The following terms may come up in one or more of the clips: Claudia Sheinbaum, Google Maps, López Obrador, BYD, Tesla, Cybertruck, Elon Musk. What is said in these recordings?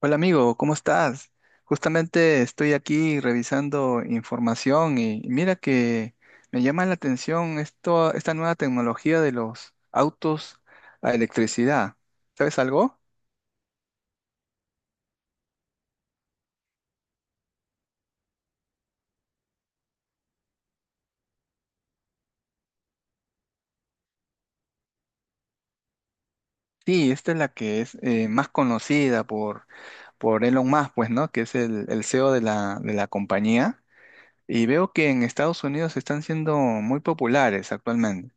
Hola amigo, ¿cómo estás? Justamente estoy aquí revisando información y mira que me llama la atención esto, esta nueva tecnología de los autos a electricidad. ¿Sabes algo? Sí, esta es la que es más conocida por Elon Musk, pues, ¿no? Que es el CEO de la compañía. Y veo que en Estados Unidos están siendo muy populares actualmente.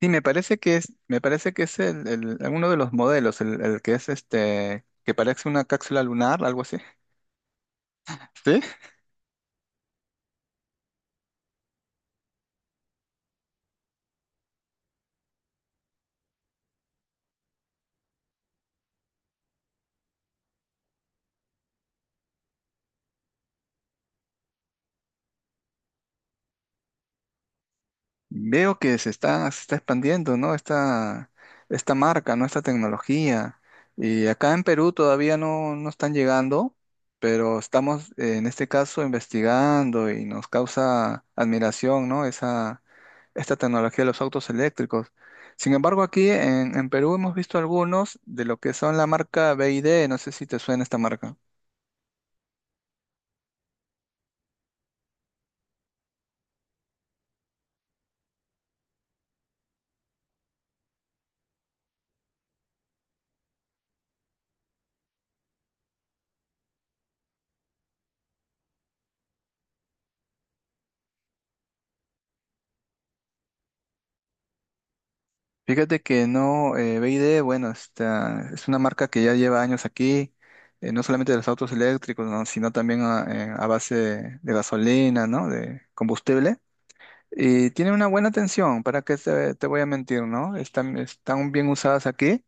Sí, me parece que es uno de los modelos, el que es este, que parece una cápsula lunar, algo así. ¿Sí? Veo que se está expandiendo, ¿no? Esta marca, ¿no? Esta tecnología. Y acá en Perú todavía no están llegando, pero estamos en este caso investigando y nos causa admiración, ¿no? Esa, esta tecnología de los autos eléctricos. Sin embargo, aquí en Perú hemos visto algunos de lo que son la marca BYD. No sé si te suena esta marca. Fíjate que no, BYD, bueno, esta, es una marca que ya lleva años aquí, no solamente de los autos eléctricos, ¿no? Sino también a base de gasolina, ¿no? De combustible. Y tiene una buena atención, ¿para qué te voy a mentir, ¿no? Están, están bien usadas aquí,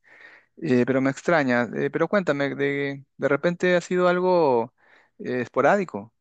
pero me extraña. Pero cuéntame, de repente ha sido algo esporádico.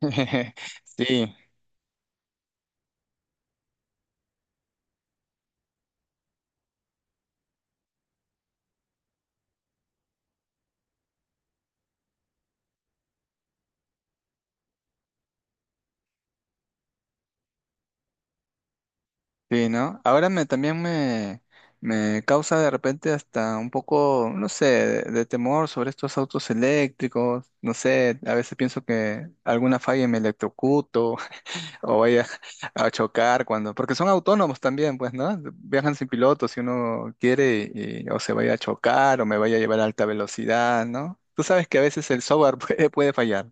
Sí, sí, ¿no? Ahora me causa de repente hasta un poco, no sé, de temor sobre estos autos eléctricos. No sé, a veces pienso que alguna falla y me electrocuto o vaya a chocar cuando, porque son autónomos también, pues, ¿no? Viajan sin piloto si uno quiere o se vaya a chocar o me vaya a llevar a alta velocidad, ¿no? Tú sabes que a veces el software puede fallar.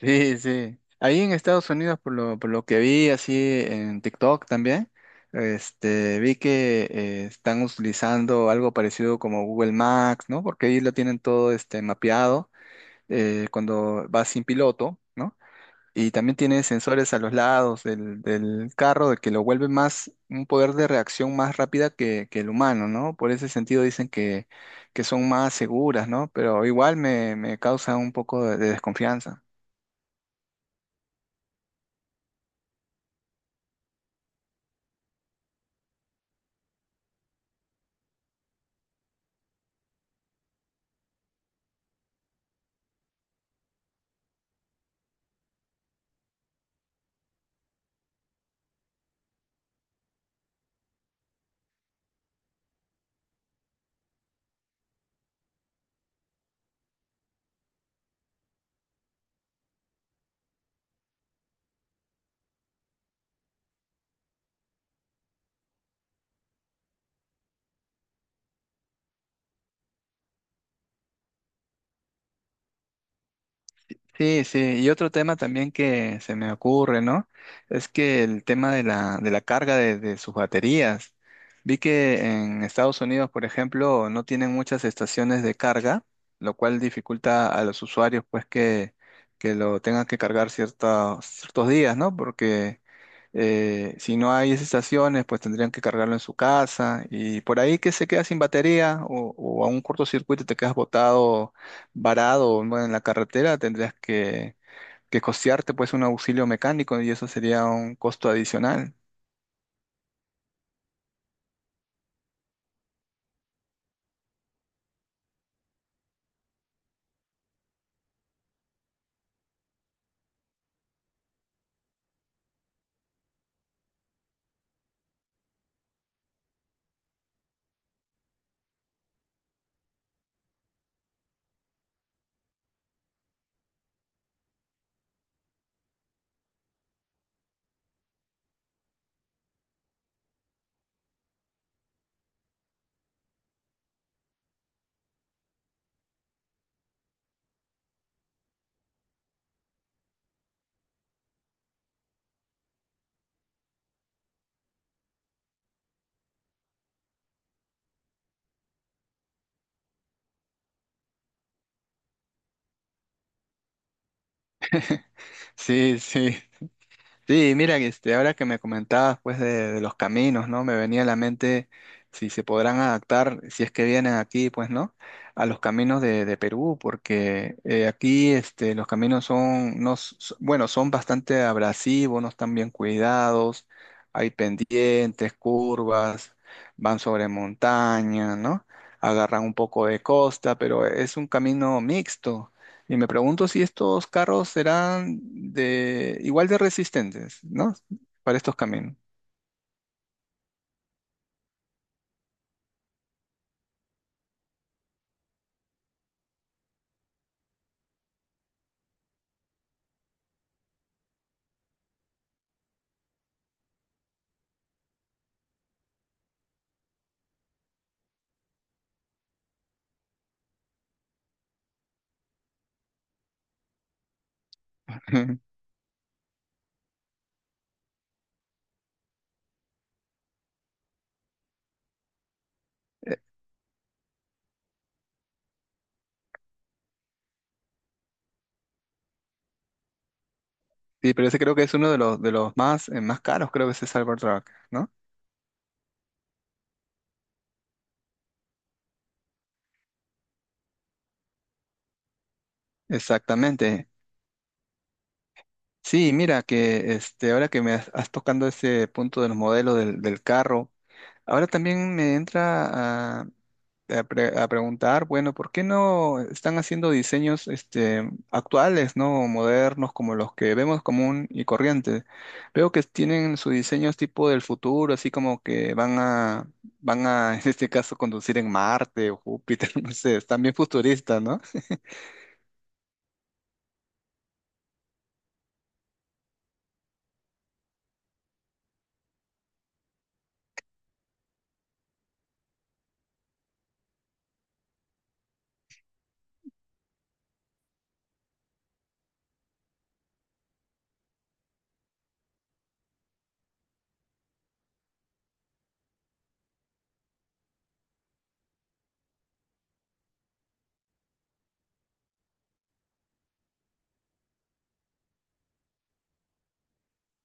Sí, sí. Ahí en Estados Unidos, por lo que vi así en TikTok también, este, vi que están utilizando algo parecido como Google Maps, ¿no? Porque ahí lo tienen todo este, mapeado cuando vas sin piloto, ¿no? Y también tiene sensores a los lados del carro de que lo vuelve más, un poder de reacción más rápida que el humano, ¿no? Por ese sentido dicen que son más seguras, ¿no? Pero igual me causa un poco de desconfianza. Sí, sí, y otro tema también que se me ocurre, ¿no? Es que el tema de la carga de sus baterías. Vi que en Estados Unidos, por ejemplo, no tienen muchas estaciones de carga, lo cual dificulta a los usuarios pues que lo tengan que cargar ciertos, ciertos días, ¿no? Porque si no hay esas estaciones, pues tendrían que cargarlo en su casa y por ahí que se queda sin batería o a un cortocircuito te quedas botado, varado, ¿no? En la carretera, tendrías que costearte pues un auxilio mecánico y eso sería un costo adicional. Sí, sí. Sí, mira, este, ahora que me comentabas pues de los caminos, ¿no? Me venía a la mente si se podrán adaptar, si es que vienen aquí, pues, ¿no? A los caminos de Perú, porque aquí este, los caminos son, no, bueno, son bastante abrasivos, no están bien cuidados, hay pendientes, curvas, van sobre montaña, ¿no? Agarran un poco de costa, pero es un camino mixto. Y me pregunto si estos carros serán de igual de resistentes, ¿no? Para estos caminos. Eh, sí, pero ese creo que es uno de los más, más caros, creo que es el Cybertruck, ¿no? Exactamente. Sí, mira que este, ahora que me has tocando ese punto de los modelos del carro, ahora también me entra a preguntar, bueno, ¿por qué no están haciendo diseños este, actuales, ¿no? Modernos, como los que vemos común y corriente? Veo que tienen sus diseños tipo del futuro, así como que van a en este caso, conducir en Marte o Júpiter, no sé, están bien futuristas, ¿no?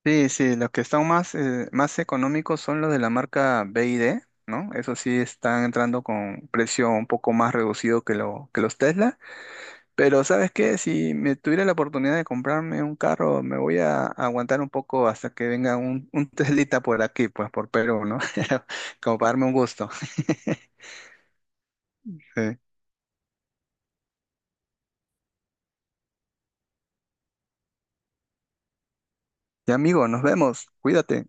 Sí, sí, los que están más, más económicos son los de la marca B y D ¿no? Eso sí están entrando con precio un poco más reducido que, lo, que los Tesla. Pero ¿sabes qué? Si me tuviera la oportunidad de comprarme un carro, me voy a aguantar un poco hasta que venga un Teslita por aquí, pues por Perú, ¿no? Como para darme un gusto. Sí. Ya amigo, nos vemos. Cuídate.